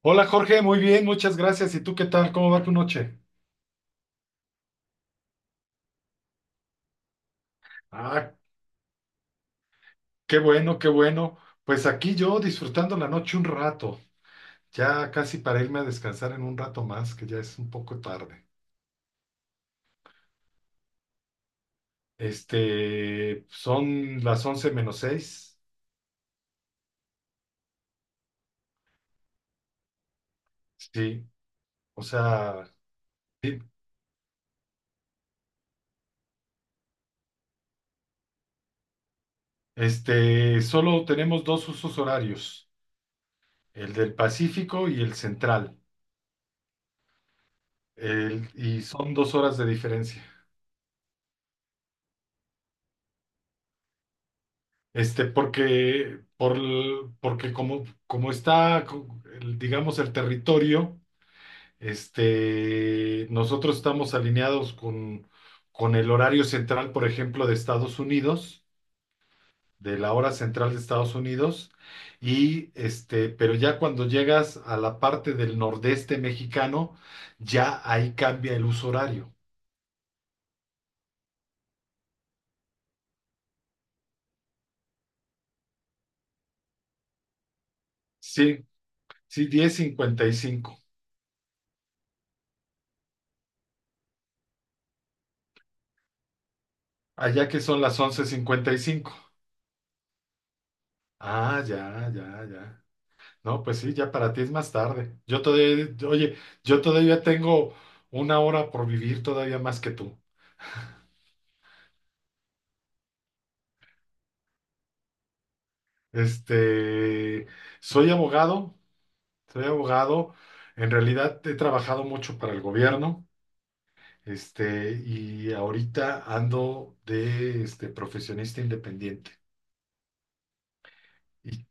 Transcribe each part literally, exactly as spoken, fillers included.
Hola Jorge, muy bien, muchas gracias. ¿Y tú qué tal? ¿Cómo va tu noche? Ah, qué bueno, qué bueno. Pues aquí yo disfrutando la noche un rato, ya casi para irme a descansar en un rato más, que ya es un poco tarde. Este, son las once menos seis. Sí, o sea, sí. Este, solo tenemos dos usos horarios, el del Pacífico y el central, el, y son dos horas de diferencia. Este, porque, por, l- porque como, como está, co- el- digamos, el territorio, este, nosotros estamos alineados con, con el horario central, por ejemplo, de Estados Unidos, de la hora central de Estados Unidos, y este, pero ya cuando llegas a la parte del nordeste mexicano, ya ahí cambia el uso horario. Sí, sí, diez cincuenta y cinco. Allá que son las once cincuenta y cinco. Ah, ya, ya, ya. No, pues sí, ya para ti es más tarde. Yo todavía, oye, yo todavía tengo una hora por vivir todavía más que tú. Este, Soy abogado, soy abogado. En realidad he trabajado mucho para el gobierno, este, y ahorita ando de este profesionista independiente. ¿Y,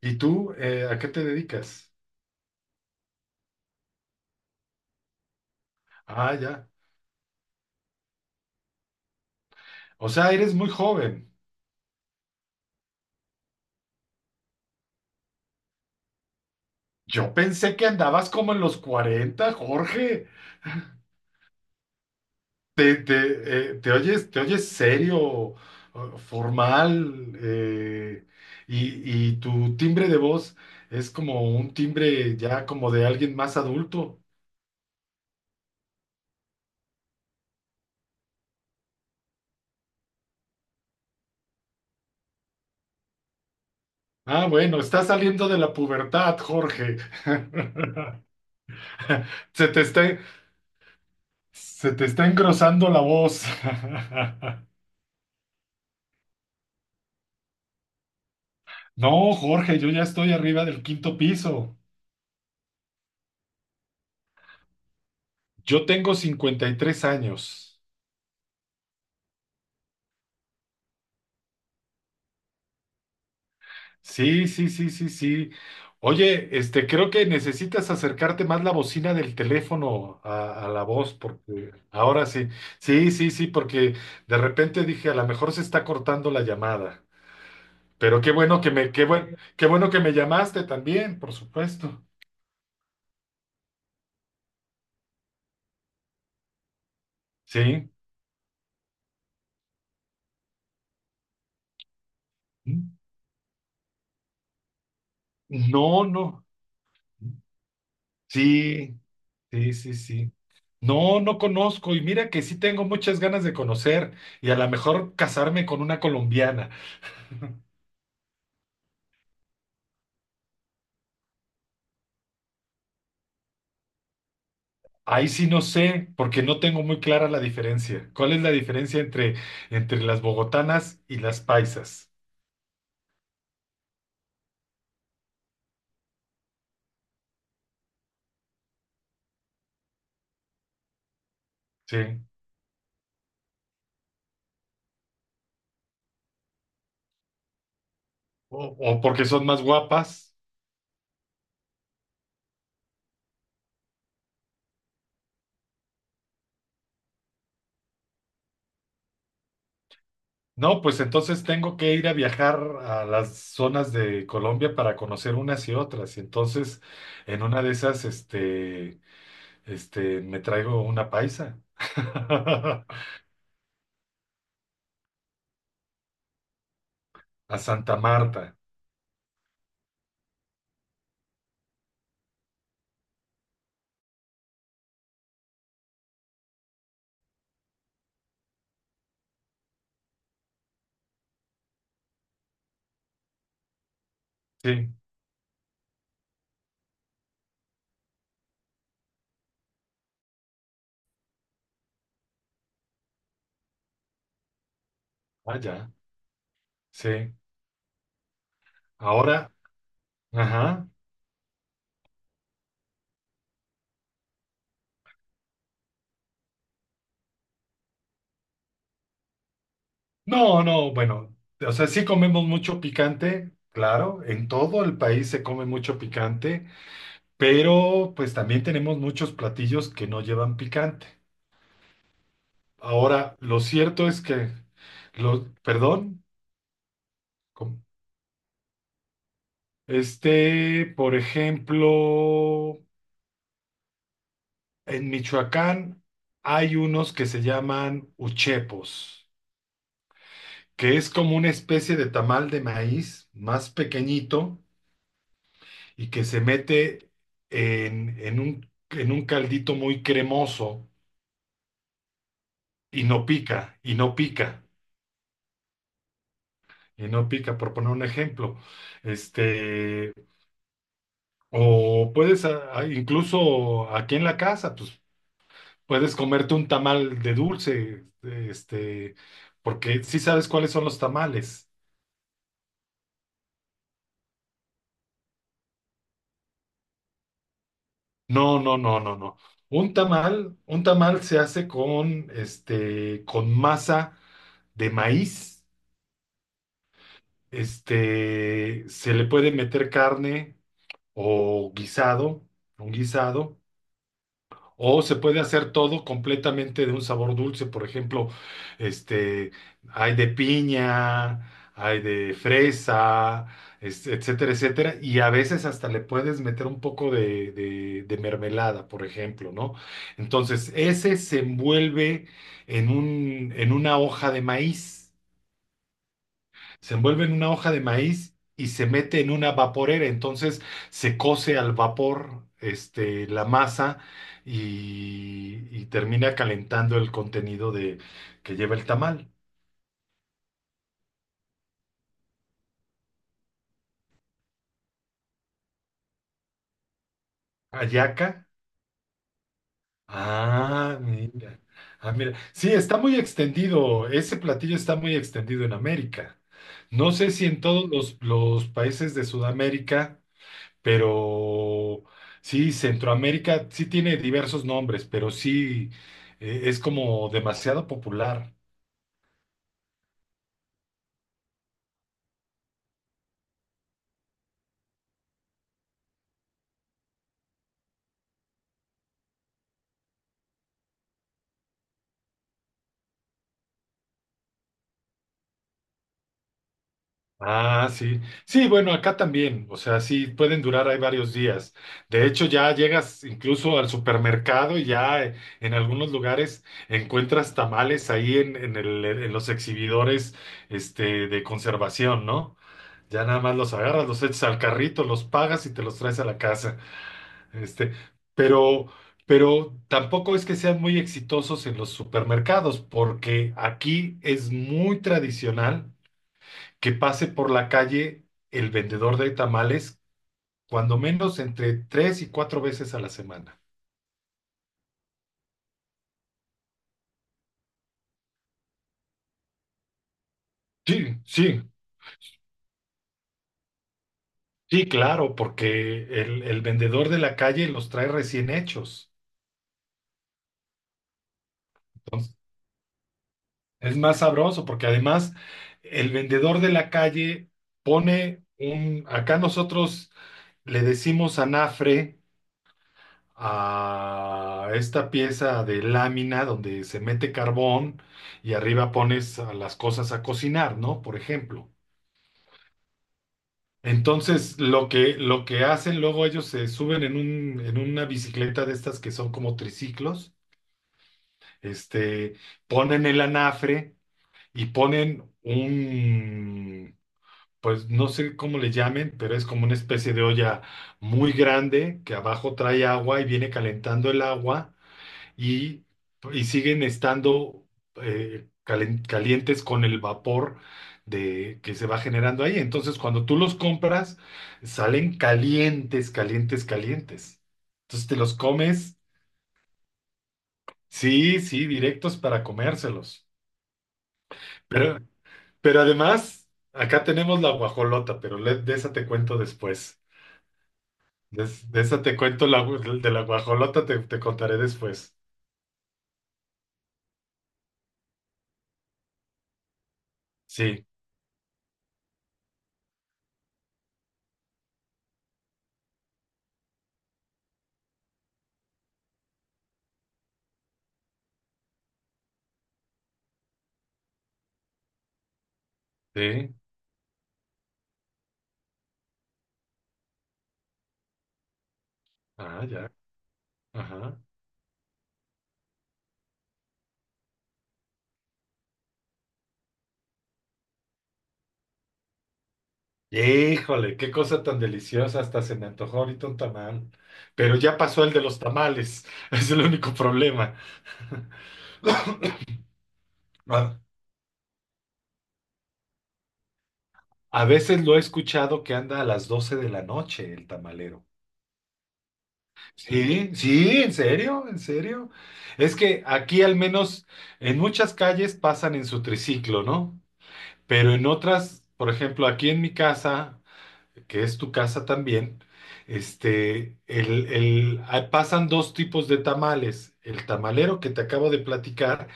y tú, eh, a qué te dedicas? Ah, ya. O sea, eres muy joven. Yo pensé que andabas como en los cuarenta, Jorge. ¿Te, te, eh, te oyes, te oyes serio, eh, formal, eh, y, y tu timbre de voz es como un timbre ya como de alguien más adulto? Ah, bueno, estás saliendo de la pubertad, Jorge. Se te está, se te está engrosando la voz. No, Jorge, yo ya estoy arriba del quinto piso. Yo tengo cincuenta y tres años. Sí, sí, sí, sí, sí. Oye, este, creo que necesitas acercarte más la bocina del teléfono a, a la voz, porque ahora sí, sí, sí, sí, porque de repente dije, a lo mejor se está cortando la llamada. Pero qué bueno que me, qué bueno, qué bueno que me llamaste también, por supuesto. Sí. No, no. Sí, sí, sí, sí. No, no conozco, y mira que sí tengo muchas ganas de conocer, y a lo mejor casarme con una colombiana. Ahí sí no sé, porque no tengo muy clara la diferencia. ¿Cuál es la diferencia entre, entre las bogotanas y las paisas? ¿Sí? O, o porque son más guapas. No, pues entonces tengo que ir a viajar a las zonas de Colombia para conocer unas y otras. Y entonces, en una de esas, este, este, me traigo una paisa. A Santa Marta. Sí, allá. Sí. Ahora, ajá. No, no, bueno, o sea, sí comemos mucho picante, claro, en todo el país se come mucho picante, pero pues también tenemos muchos platillos que no llevan picante. Ahora, lo cierto es que, lo, perdón, ¿cómo? Este, por ejemplo, en Michoacán hay unos que se llaman uchepos, que es como una especie de tamal de maíz más pequeñito y que se mete en, en un, en un caldito muy cremoso y no pica, y no pica, y no pica, por poner un ejemplo. Este, o puedes, a- a- Incluso aquí en la casa, pues puedes comerte un tamal de dulce, este, porque sí sabes cuáles son los tamales. No, no, no, no, no. Un tamal, un tamal se hace con, este, con masa de maíz. Este, se le puede meter carne o guisado, un guisado, o se puede hacer todo completamente de un sabor dulce. Por ejemplo, este, hay de piña, hay de fresa, es- etcétera, etcétera. Y a veces hasta le puedes meter un poco de, de de mermelada, por ejemplo, ¿no? Entonces, ese se envuelve en un, en una hoja de maíz se envuelve en una hoja de maíz y se mete en una vaporera. Entonces se cose al vapor, este, la masa y, y termina calentando el contenido de, que lleva el tamal. Hallaca. Ah, mira. Ah, mira. Sí, está muy extendido. Ese platillo está muy extendido en América. No sé si en todos los, los países de Sudamérica. Pero sí, Centroamérica sí tiene diversos nombres, pero sí, eh, es como demasiado popular. Ah, sí. Sí, bueno, acá también. O sea, sí, pueden durar ahí varios días. De hecho, ya llegas incluso al supermercado y ya, eh, en algunos lugares encuentras tamales ahí en, en el- en los exhibidores, este, de conservación, ¿no? Ya nada más los agarras, los echas al carrito, los pagas y te los traes a la casa. Este, pero, pero tampoco es que sean muy exitosos en los supermercados, porque aquí es muy tradicional que pase por la calle el vendedor de tamales, cuando menos entre tres y cuatro veces a la semana. Sí, sí, sí, claro, porque el, el vendedor de la calle los trae recién hechos. Es más sabroso porque además el vendedor de la calle pone un... Acá nosotros le decimos anafre a esta pieza de lámina donde se mete carbón y arriba pones a las cosas a cocinar, ¿no? Por ejemplo. Entonces, lo que, lo que hacen luego ellos se suben en un, en una bicicleta de estas que son como triciclos, este, ponen el anafre y ponen un, pues no sé cómo le llamen, pero es como una especie de olla muy grande que abajo trae agua y viene calentando el agua y, y siguen estando, eh, calen- calientes con el vapor de, que se va generando ahí. Entonces, cuando tú los compras, salen calientes, calientes, calientes. Entonces, te los comes, sí, sí, directos para comérselos. Pero, pero además, acá tenemos la guajolota, pero le- de esa te cuento después. De, es- de esa te cuento la, gu- De la guajolota te, te contaré después. Sí, sí. Ah, ya. Ajá. Híjole, qué cosa tan deliciosa. Hasta se me antojó ahorita un tamal. Pero ya pasó el de los tamales. Es el único problema. A a veces lo he escuchado que anda a las doce de la noche el tamalero. Sí, sí, en serio, en serio. Es que aquí al menos en muchas calles pasan en su triciclo, ¿no? Pero en otras, por ejemplo, aquí en mi casa, que es tu casa también, este, el, el, ah, pasan dos tipos de tamales. El tamalero que te acabo de platicar,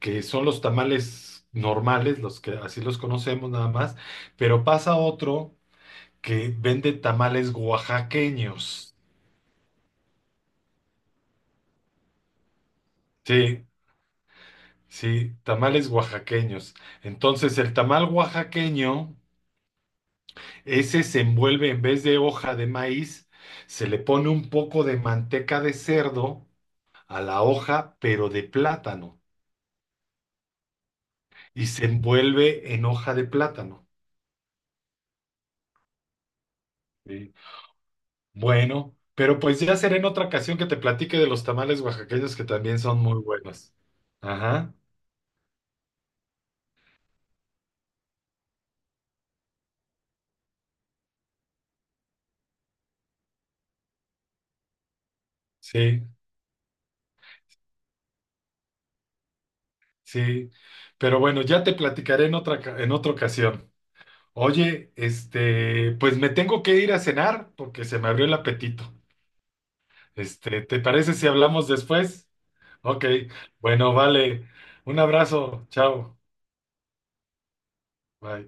que son los tamales normales, los que así los conocemos nada más, pero pasa otro que vende tamales oaxaqueños. Sí, sí, tamales oaxaqueños. Entonces, el tamal oaxaqueño, ese se envuelve en vez de hoja de maíz, se le pone un poco de manteca de cerdo a la hoja, pero de plátano, y se envuelve en hoja de plátano. ¿Sí? Bueno, pero pues ya será en otra ocasión que te platique de los tamales oaxaqueños que también son muy buenos. Ajá, sí, sí. Pero bueno, ya te platicaré en otra, ca- en otra ocasión. Oye, este, pues me tengo que ir a cenar porque se me abrió el apetito. Este, ¿te parece si hablamos después? Ok, bueno, vale. Un abrazo, chao, bye.